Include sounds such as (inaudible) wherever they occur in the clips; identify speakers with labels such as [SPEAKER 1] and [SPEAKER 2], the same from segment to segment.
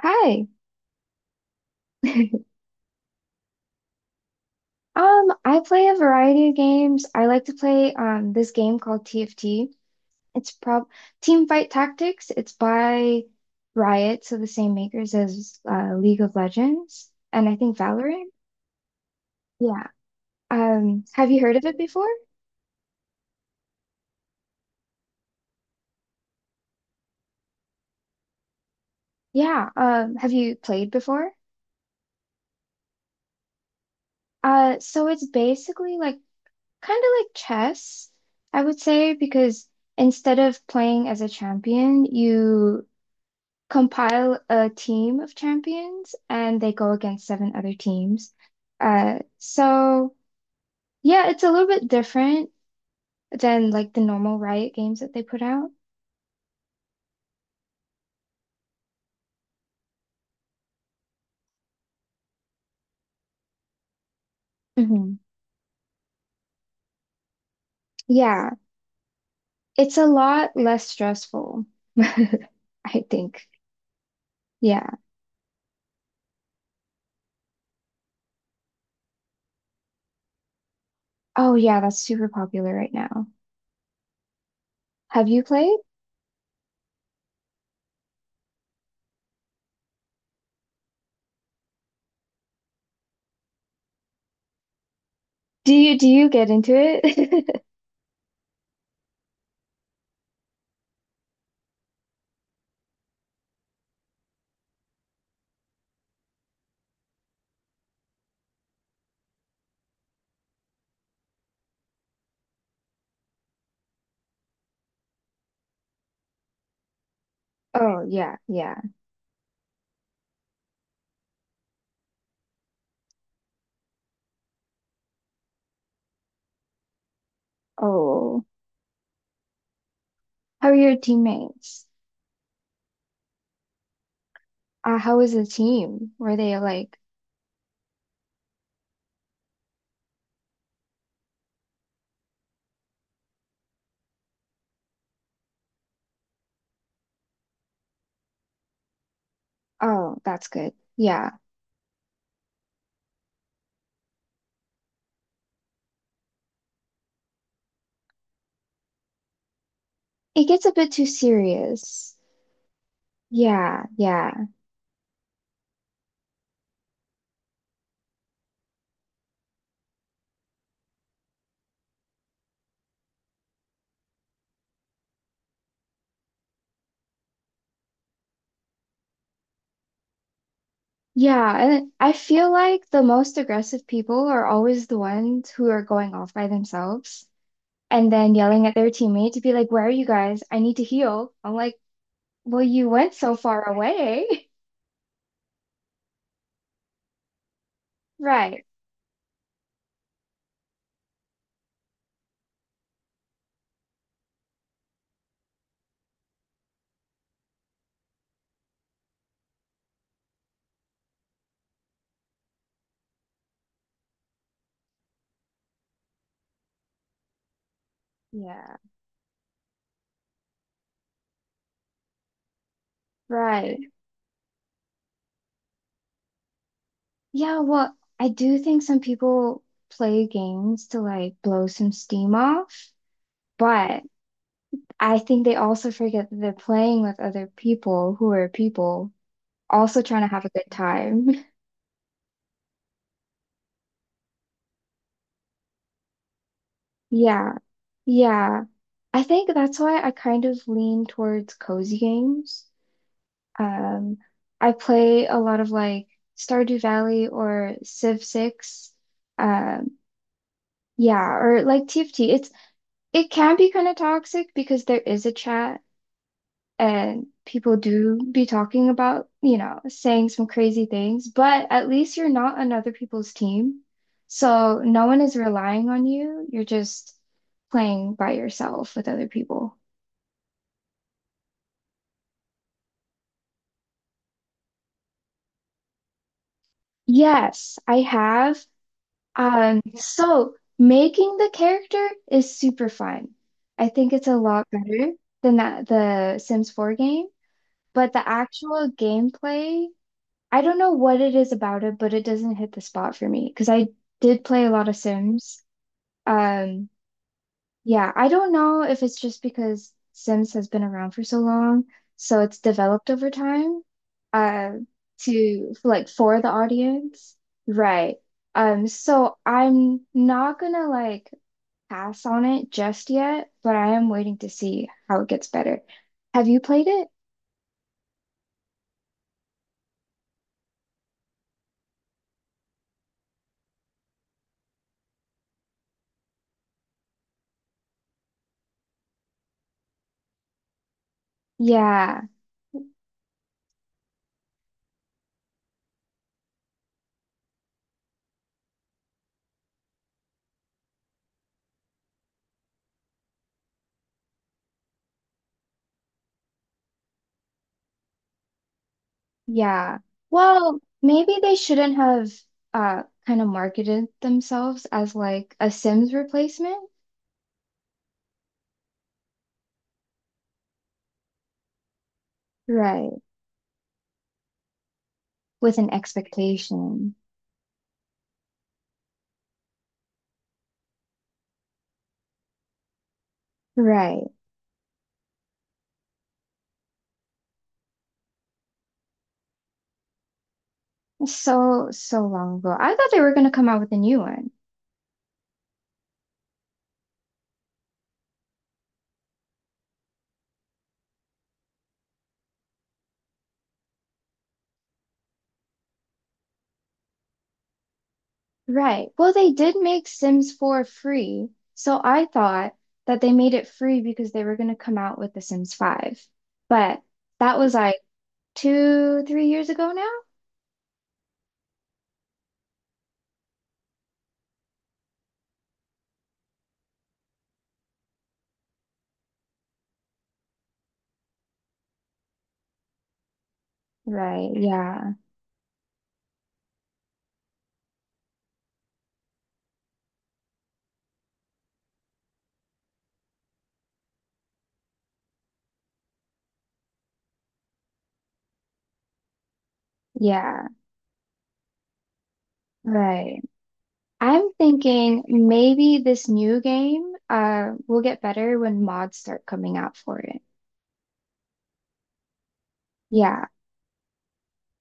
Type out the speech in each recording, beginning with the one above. [SPEAKER 1] Hi. (laughs) I play a variety of games. I like to play this game called TFT. It's prob Team Fight Tactics. It's by Riot, so the same makers as League of Legends and I think Valorant. Yeah. Have you heard of it before? Yeah. Have you played before? So it's basically like kind of like chess, I would say, because instead of playing as a champion, you compile a team of champions and they go against seven other teams. So yeah, it's a little bit different than like the normal Riot games that they put out. Hmm. Yeah, it's a lot less stressful, (laughs) I think. Yeah. Oh yeah, that's super popular right now. Have you played? Do you get into it? (laughs) Oh yeah, yeah. Oh, how are your teammates? How was the team? Were they like Oh, that's good. Yeah. It gets a bit too serious. Yeah, yeah. Yeah, and I feel like the most aggressive people are always the ones who are going off by themselves and then yelling at their teammate to be like, "Where are you guys? I need to heal." I'm like, "Well, you went so far away." (laughs) Right. Yeah. Right. Yeah, well, I do think some people play games to like blow some steam off, but I think they also forget that they're playing with other people who are people also trying to have a good time. (laughs) Yeah. Yeah. I think that's why I kind of lean towards cozy games. Um, I play a lot of like Stardew Valley or Civ 6. Um, yeah, or like TFT. It can be kind of toxic because there is a chat and people do be talking about, you know, saying some crazy things, but at least you're not on other people's team. So no one is relying on you. You're just playing by yourself with other people. Yes, I have. So making the character is super fun. I think it's a lot better than that the Sims 4 game, but the actual gameplay, I don't know what it is about it, but it doesn't hit the spot for me because I did play a lot of Sims. Um, yeah, I don't know if it's just because Sims has been around for so long, so it's developed over time, uh, to like for the audience, right? So I'm not gonna like pass on it just yet, but I am waiting to see how it gets better. Have you played it? Yeah. Yeah. Well, maybe they shouldn't have kind of marketed themselves as like a Sims replacement. Right. With an expectation. Right. So, so long ago. I thought they were gonna come out with a new one. Right. Well, they did make Sims 4 free. So I thought that they made it free because they were gonna come out with The Sims 5. But that was like 2, 3 years ago now. Right. Yeah. Yeah. Right. I'm thinking maybe this new game will get better when mods start coming out for it. Yeah,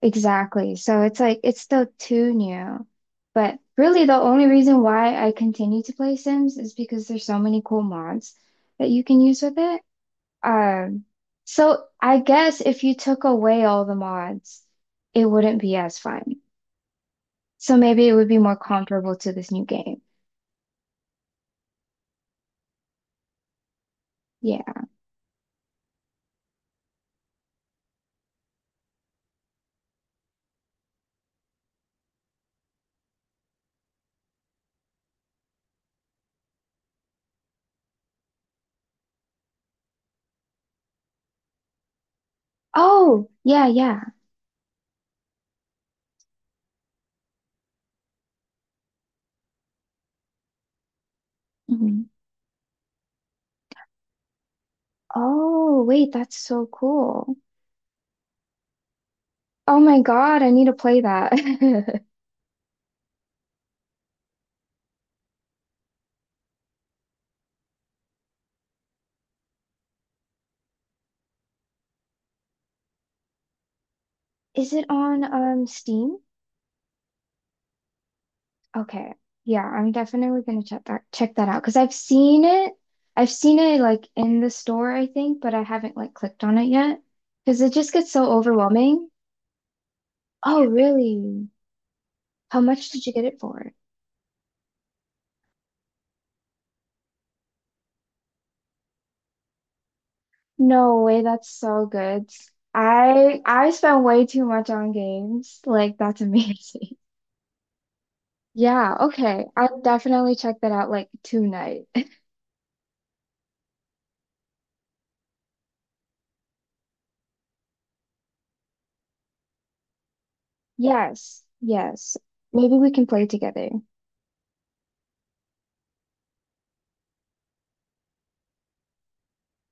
[SPEAKER 1] exactly. So it's like it's still too new. But really the only reason why I continue to play Sims is because there's so many cool mods that you can use with it. Um, so I guess if you took away all the mods, it wouldn't be as fun. So maybe it would be more comparable to this new game. Yeah. Oh, yeah, yeah. Mhm. Oh, wait, that's so cool. Oh my God, I need to play that. (laughs) Is it on Steam? Okay. Yeah, I'm definitely gonna check that out because I've seen it. I've seen it like in the store, I think, but I haven't like clicked on it yet because it just gets so overwhelming. Oh, really? How much did you get it for? No way, that's so good. I spend way too much on games. Like, that's (laughs) amazing. Yeah, okay. I'll definitely check that out like tonight. (laughs) Yes, yes. Maybe we can play together.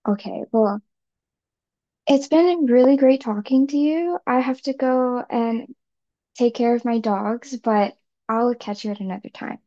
[SPEAKER 1] Okay, well, it's been really great talking to you. I have to go and take care of my dogs, but I'll catch you at another time.